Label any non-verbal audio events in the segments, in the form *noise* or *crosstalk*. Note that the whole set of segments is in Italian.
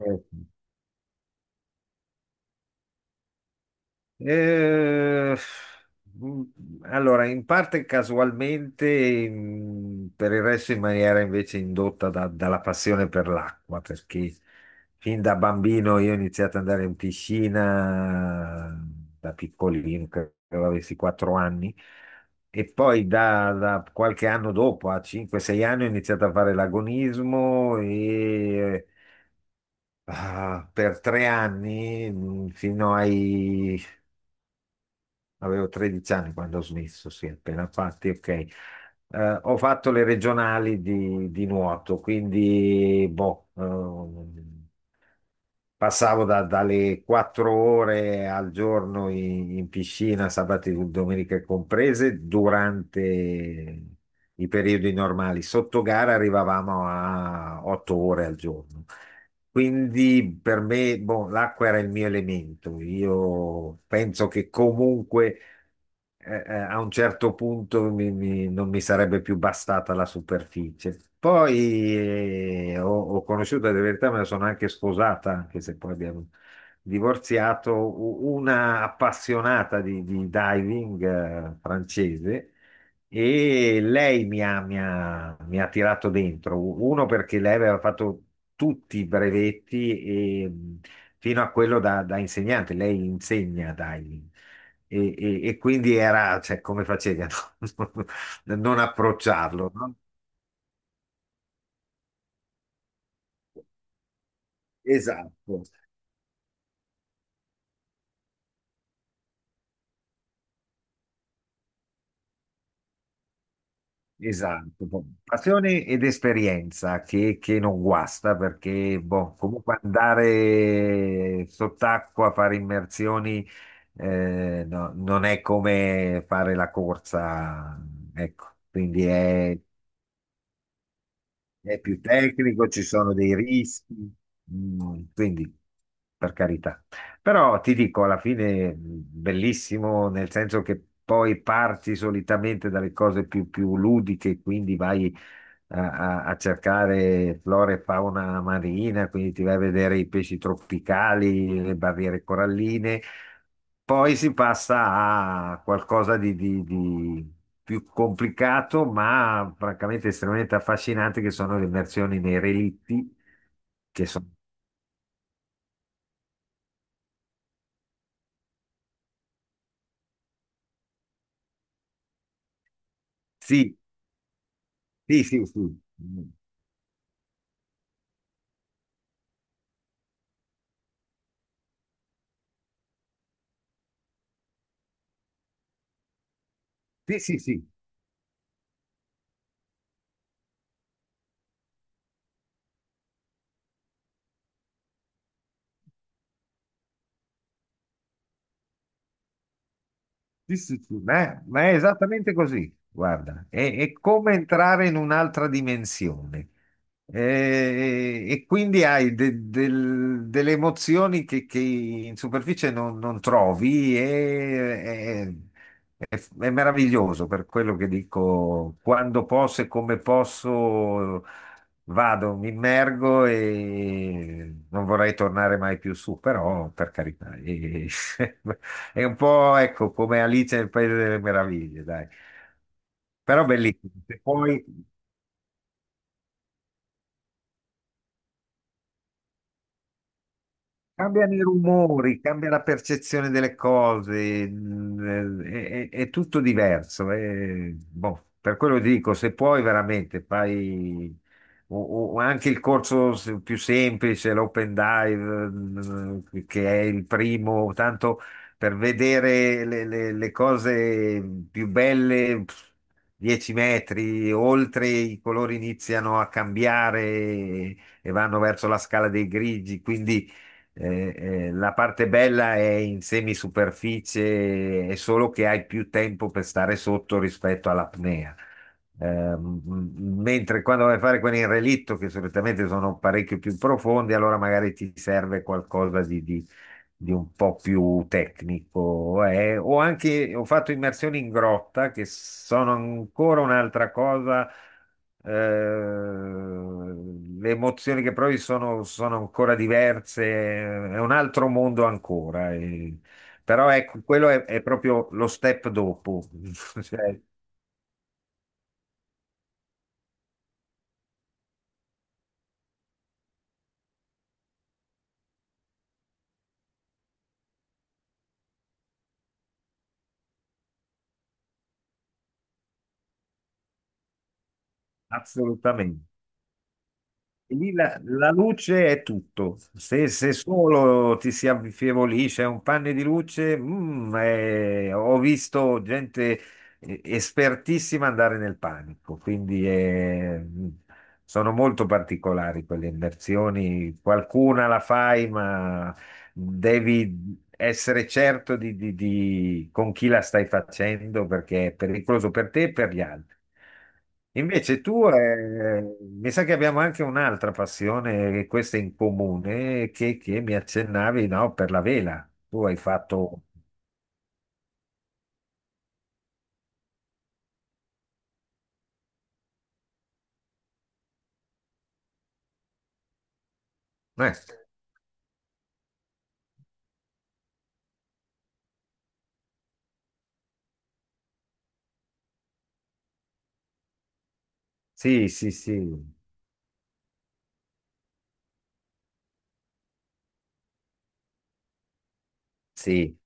Eh, mm, allora, in parte casualmente, per il resto in maniera invece indotta dalla passione per l'acqua, perché fin da bambino io ho iniziato ad andare in piscina da piccolino, credo avessi 4 anni, e poi da qualche anno dopo, a 5-6 anni, ho iniziato a fare l'agonismo e... Ah, per tre anni, fino ai avevo 13 anni quando ho smesso, sì, appena fatti, ok. Ho fatto le regionali di nuoto, quindi boh, passavo dalle 4 ore al giorno in piscina, sabato e domenica comprese, durante i periodi normali. Sotto gara arrivavamo a 8 ore al giorno. Quindi per me, boh, l'acqua era il mio elemento. Io penso che comunque a un certo punto non mi sarebbe più bastata la superficie. Poi ho conosciuto, in verità me la sono anche sposata, anche se poi abbiamo divorziato, una appassionata di diving francese e lei mi ha, mi ha tirato dentro. Uno perché lei aveva fatto tutti i brevetti e, fino a quello da insegnante, lei insegna diving. E quindi era, cioè, come facevi a non, *laughs* non approcciarlo, no? Esatto, esatto. Boh, passione ed esperienza che non guasta perché, boh, comunque andare sott'acqua a fare immersioni no, non è come fare la corsa, ecco, quindi è più tecnico, ci sono dei rischi, quindi per carità. Però ti dico, alla fine bellissimo, nel senso che poi parti solitamente dalle cose più, più ludiche, quindi vai a, a cercare flora e fauna marina, quindi ti vai a vedere i pesci tropicali, le barriere coralline. Poi si passa a qualcosa di più complicato, ma francamente estremamente affascinante, che sono le immersioni nei relitti, che sono... Sì, sì, sì, sì, sì, sì, sì, sì, sì, sì, ma è esattamente così, guarda, è- come entrare in un'altra dimensione. Quindi hai delle emozioni che in superficie non, non trovi e è, è meraviglioso. Per quello che dico, quando posso e come posso vado, mi immergo e non vorrei tornare mai più su, però per carità, *laughs* è un po', ecco, come Alice nel Paese delle Meraviglie, dai. Però bellissimo. Se puoi, cambiano i rumori, cambia la percezione delle cose, è, è tutto diverso. Boh, per quello dico, se puoi veramente fai o anche il corso più semplice, l'open dive, che è il primo, tanto per vedere le, le cose più belle, pff, 10 metri, oltre i colori iniziano a cambiare e vanno verso la scala dei grigi, quindi eh, la parte bella è in semisuperficie, è solo che hai più tempo per stare sotto rispetto all'apnea. Mentre quando vai a fare quelli in relitto, che solitamente sono parecchio più profondi, allora magari ti serve qualcosa di un po' più tecnico. Ho anche ho fatto immersioni in grotta che sono ancora un'altra cosa. Le emozioni che provi sono, sono ancora diverse, è un altro mondo ancora. Però ecco, quello è proprio lo step dopo. *laughs* Cioè, assolutamente. E lì la, la luce è tutto. Se, se solo ti si affievolisce un panne di luce, ho visto gente espertissima andare nel panico. Quindi sono molto particolari quelle immersioni. Qualcuna la fai, ma devi essere certo con chi la stai facendo perché è pericoloso per te e per gli altri. Invece tu, mi sa che abbiamo anche un'altra passione, e questa è in comune, che mi accennavi, no, per la vela. Tu hai fatto... eh, sì, sì, sì, sì.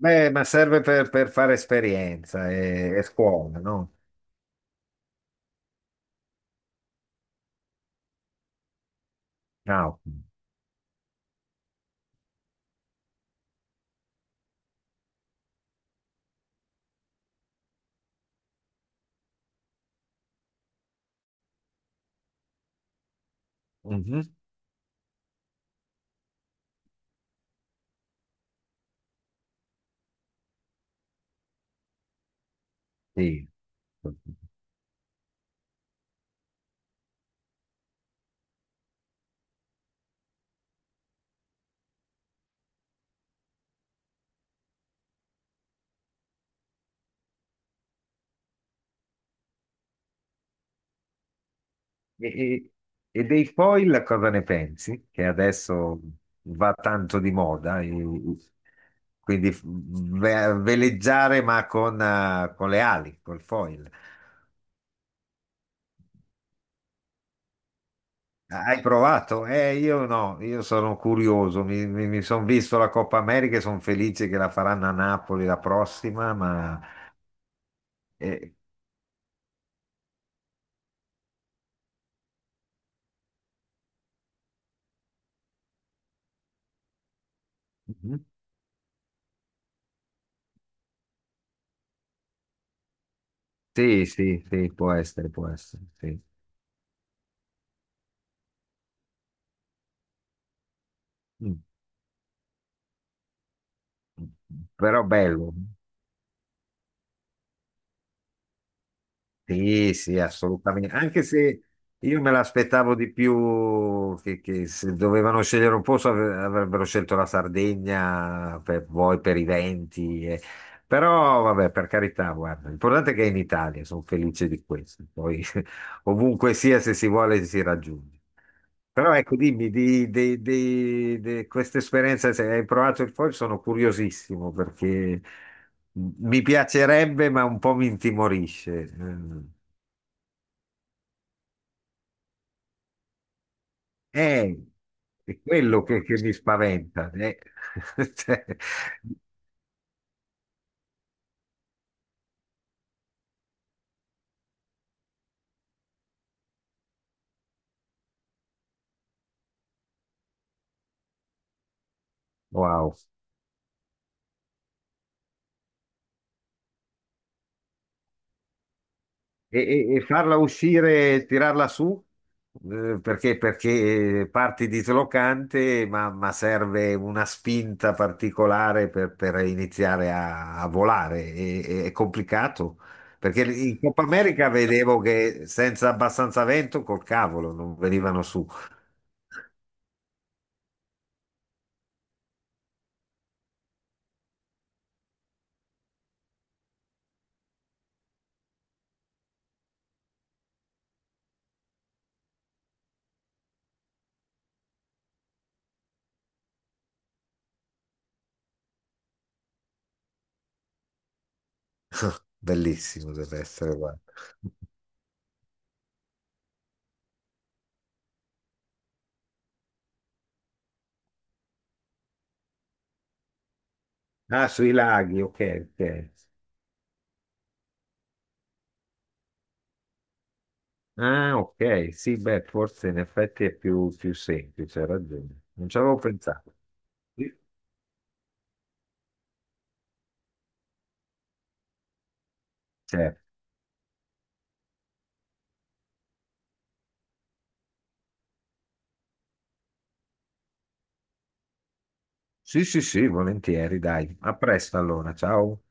Beh, ma serve per fare esperienza e scuola, no? Ciao. Mhm, sì. E, e- e dei foil cosa ne pensi? Che adesso va tanto di moda, quindi veleggiare ma con le ali, col foil. Hai provato? Io no, io sono curioso, sono visto la Coppa America e sono felice che la faranno a Napoli la prossima, ma... eh, mhm. Sì, sì, sì, può essere, sì. Mm. Mm, mm. Però bello. Sì, sì, assolutamente. Anche se io me l'aspettavo di più che se dovevano scegliere un posto avrebbero scelto la Sardegna per, poi per i venti. Però vabbè, per carità, guarda, l'importante è che è in Italia, sono felice di questo. Poi *laughs* ovunque sia, se si vuole, si raggiunge. Però ecco, dimmi, di questa esperienza, se hai provato il foil, sono curiosissimo perché mi piacerebbe, ma un po' mi intimorisce. Mm. Eh, è quello che mi spaventa. *laughs* Cioè, wow. E, e farla uscire, tirarla su? Perché, perché parti dislocante, ma serve una spinta particolare per iniziare a, a volare. È complicato. Perché in Coppa America vedevo che senza abbastanza vento, col cavolo, non venivano su. Bellissimo deve essere, guarda. Ah, sui laghi, ok, ok. Ah, ok, sì, beh, forse in effetti è più, più semplice, hai ragione. Non ci avevo pensato. Sì, certo. Sì, sì, sì, volentieri, dai. A presto allora, ciao.